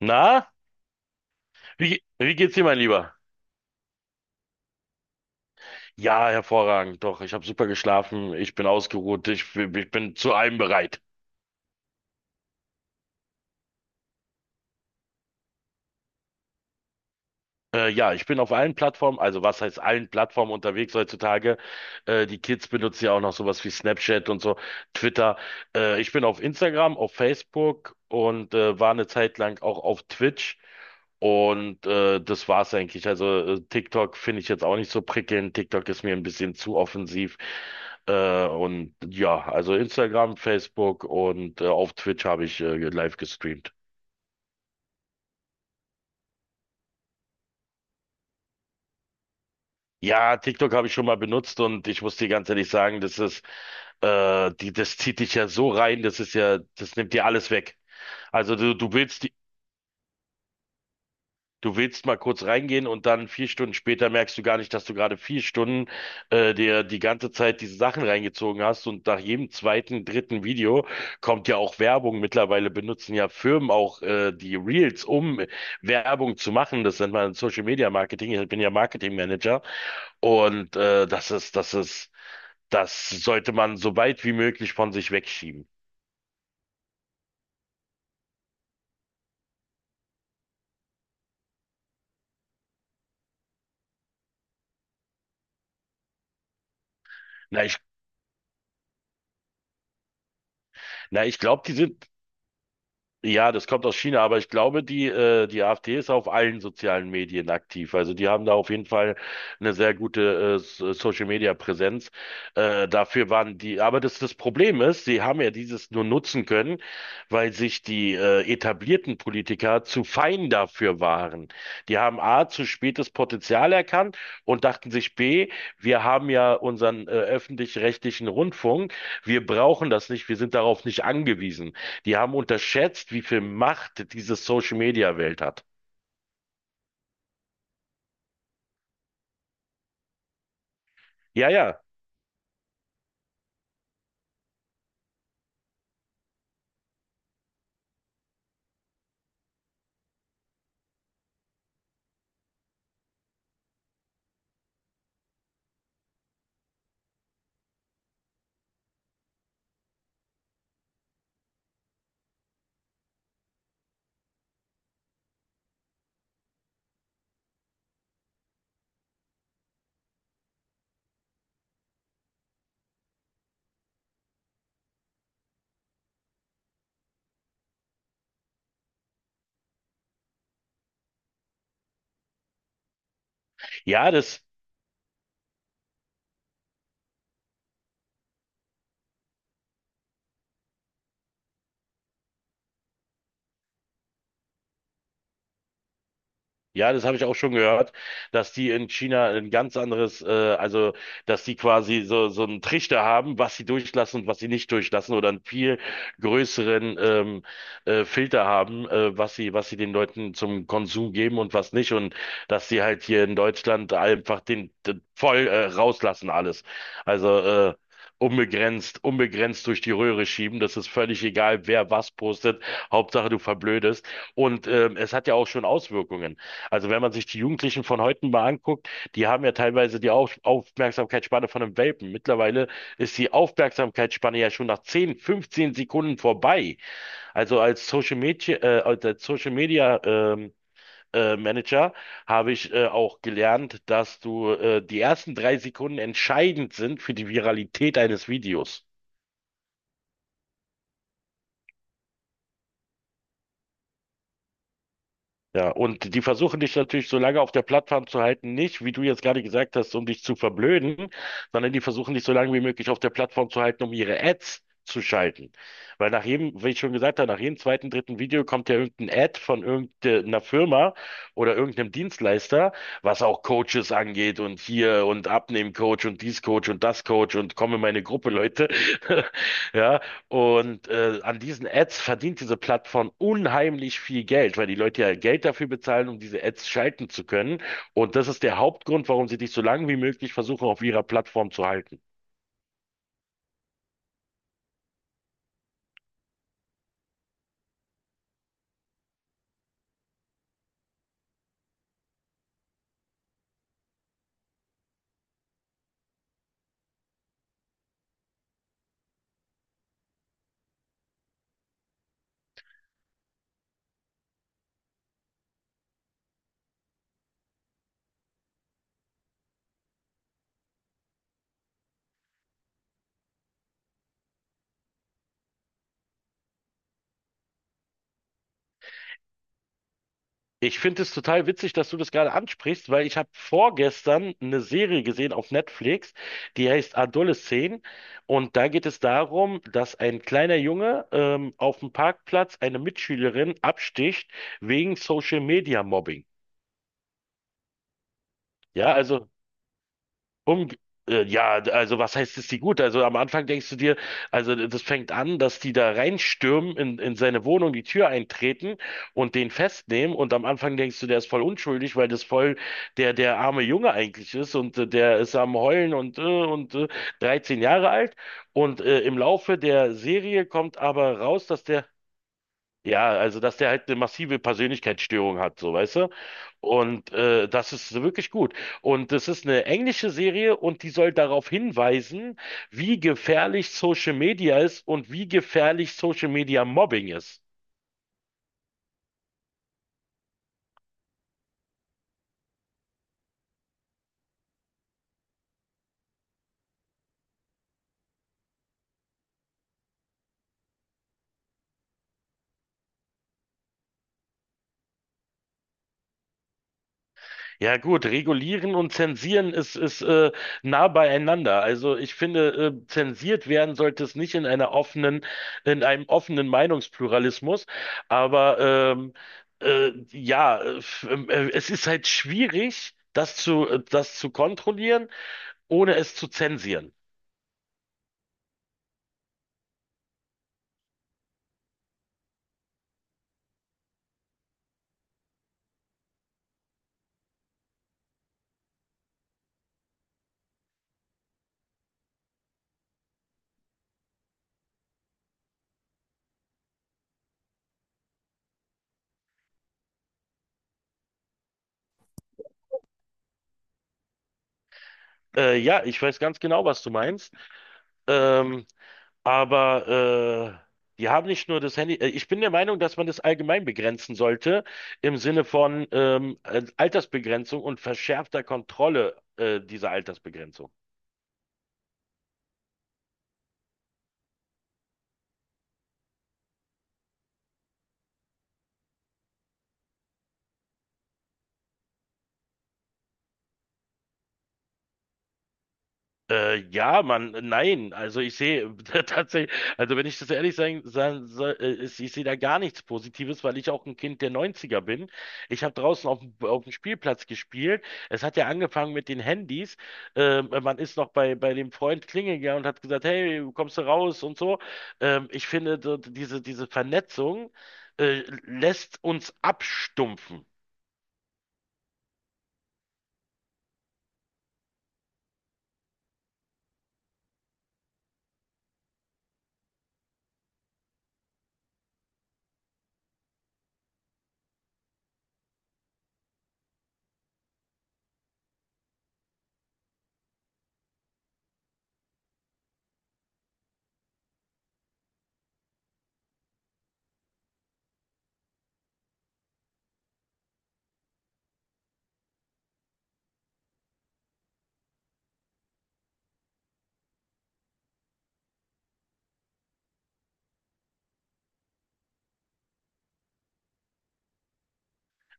Na, wie geht's dir, mein Lieber? Ja, hervorragend. Doch, ich habe super geschlafen. Ich bin ausgeruht. Ich bin zu allem bereit. Ja, ich bin auf allen Plattformen, also was heißt allen Plattformen unterwegs heutzutage. Die Kids benutzen ja auch noch sowas wie Snapchat und so, Twitter. Ich bin auf Instagram, auf Facebook und war eine Zeit lang auch auf Twitch. Und das war's eigentlich. Also TikTok finde ich jetzt auch nicht so prickelnd. TikTok ist mir ein bisschen zu offensiv. Und ja, also Instagram, Facebook und auf Twitch habe ich live gestreamt. Ja, TikTok habe ich schon mal benutzt und ich muss dir ganz ehrlich sagen, das zieht dich ja so rein, das nimmt dir alles weg. Also du willst, du willst mal kurz reingehen und dann vier Stunden später merkst du gar nicht, dass du gerade vier Stunden dir die ganze Zeit diese Sachen reingezogen hast, und nach jedem zweiten, dritten Video kommt ja auch Werbung. Mittlerweile benutzen ja Firmen auch die Reels, um Werbung zu machen. Das nennt man Social Media Marketing. Ich bin ja Marketing Manager und das ist das sollte man so weit wie möglich von sich wegschieben. Na, ich, na, ich glaube, die sind. Ja, das kommt aus China, aber ich glaube, die AfD ist auf allen sozialen Medien aktiv. Also die haben da auf jeden Fall eine sehr gute Social-Media-Präsenz. Dafür waren die, aber das Problem ist, sie haben ja dieses nur nutzen können, weil sich die etablierten Politiker zu fein dafür waren. Die haben A, zu spät das Potenzial erkannt und dachten sich B, wir haben ja unseren öffentlich-rechtlichen Rundfunk, wir brauchen das nicht, wir sind darauf nicht angewiesen. Die haben unterschätzt, wie viel Macht diese Social-Media-Welt hat. Ja, ja, ja, das, Ja, das habe ich auch schon gehört, dass die in China ein ganz anderes, also dass die quasi so einen Trichter haben, was sie durchlassen und was sie nicht durchlassen, oder einen viel größeren Filter haben, was sie den Leuten zum Konsum geben und was nicht, und dass sie halt hier in Deutschland einfach den voll rauslassen alles, also unbegrenzt durch die Röhre schieben, das ist völlig egal, wer was postet, Hauptsache du verblödest und es hat ja auch schon Auswirkungen. Also wenn man sich die Jugendlichen von heute mal anguckt, die haben ja teilweise die Aufmerksamkeitsspanne von einem Welpen. Mittlerweile ist die Aufmerksamkeitsspanne ja schon nach 10, 15 Sekunden vorbei. Also als Social Media Manager habe ich auch gelernt, dass du, die ersten drei Sekunden, entscheidend sind für die Viralität eines Videos. Ja, und die versuchen dich natürlich so lange auf der Plattform zu halten, nicht, wie du jetzt gerade gesagt hast, um dich zu verblöden, sondern die versuchen dich so lange wie möglich auf der Plattform zu halten, um ihre Ads zu schalten. Weil nach jedem, wie ich schon gesagt habe, nach jedem zweiten, dritten Video kommt ja irgendein Ad von irgendeiner Firma oder irgendeinem Dienstleister, was auch Coaches angeht, und hier und Abnehmen-Coach und dies Coach und das Coach und komm in meine Gruppe, Leute. Ja, und an diesen Ads verdient diese Plattform unheimlich viel Geld, weil die Leute ja Geld dafür bezahlen, um diese Ads schalten zu können. Und das ist der Hauptgrund, warum sie dich so lange wie möglich versuchen auf ihrer Plattform zu halten. Ich finde es total witzig, dass du das gerade ansprichst, weil ich habe vorgestern eine Serie gesehen auf Netflix, die heißt Adolescent. Und da geht es darum, dass ein kleiner Junge auf dem Parkplatz eine Mitschülerin absticht, wegen Social Media Mobbing. Ja, also Um, ja, also was heißt es die gut? Also am Anfang denkst du dir, also das fängt an, dass die da reinstürmen, in seine Wohnung, die Tür eintreten und den festnehmen. Und am Anfang denkst du, der ist voll unschuldig, weil das voll der arme Junge eigentlich ist, und der ist am Heulen und, 13 Jahre alt. Und im Laufe der Serie kommt aber raus, dass der dass der halt eine massive Persönlichkeitsstörung hat, so, weißt du. Und das ist wirklich gut. Und das ist eine englische Serie, und die soll darauf hinweisen, wie gefährlich Social Media ist und wie gefährlich Social Media Mobbing ist. Ja gut, regulieren und zensieren ist nah beieinander. Also ich finde, zensiert werden sollte es nicht, in einer offenen, in einem offenen Meinungspluralismus. Aber ähm, äh, es ist halt schwierig, das zu kontrollieren, ohne es zu zensieren. Ja, ich weiß ganz genau, was du meinst. Ähm, Aber die haben nicht nur das Handy. Ich bin der Meinung, dass man das allgemein begrenzen sollte, im Sinne von Altersbegrenzung und verschärfter Kontrolle dieser Altersbegrenzung. Nein, also ich sehe tatsächlich, also wenn ich das ehrlich sagen soll, ich sehe da gar nichts Positives, weil ich auch ein Kind der 90er bin. Ich habe draußen auf, auf dem Spielplatz gespielt. Es hat ja angefangen mit den Handys. Man ist noch bei dem Freund klingeln gegangen und hat gesagt, hey, kommst du raus und so. Ich finde, so diese Vernetzung lässt uns abstumpfen.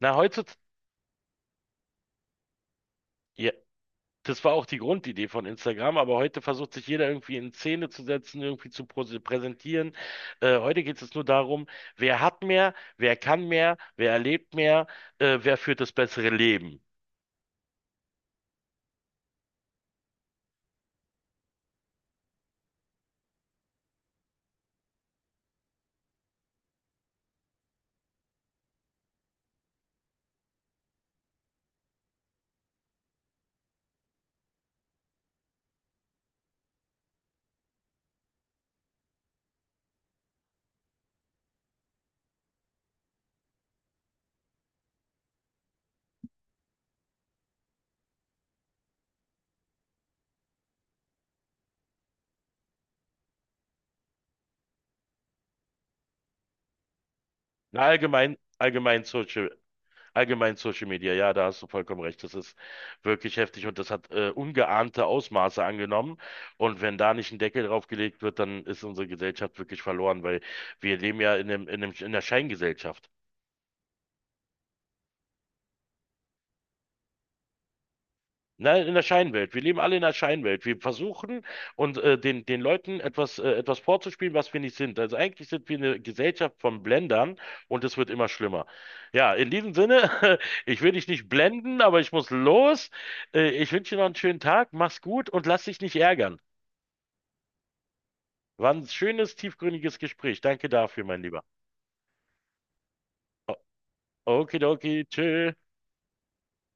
Na, heutzutage, ja, das war auch die Grundidee von Instagram, aber heute versucht sich jeder irgendwie in Szene zu setzen, irgendwie zu präsentieren. Heute geht es nur darum, wer hat mehr, wer kann mehr, wer erlebt mehr, wer führt das bessere Leben. Na, allgemein Social Media, ja, da hast du vollkommen recht. Das ist wirklich heftig, und das hat ungeahnte Ausmaße angenommen. Und wenn da nicht ein Deckel drauf gelegt wird, dann ist unsere Gesellschaft wirklich verloren, weil wir leben ja in einer Scheingesellschaft. Nein, in der Scheinwelt. Wir leben alle in der Scheinwelt. Wir versuchen und den Leuten etwas vorzuspielen, was wir nicht sind. Also eigentlich sind wir eine Gesellschaft von Blendern, und es wird immer schlimmer. Ja, in diesem Sinne, ich will dich nicht blenden, aber ich muss los. Ich wünsche dir noch einen schönen Tag. Mach's gut und lass dich nicht ärgern. War ein schönes, tiefgründiges Gespräch. Danke dafür, mein Lieber. O- Okidoki, tschüss.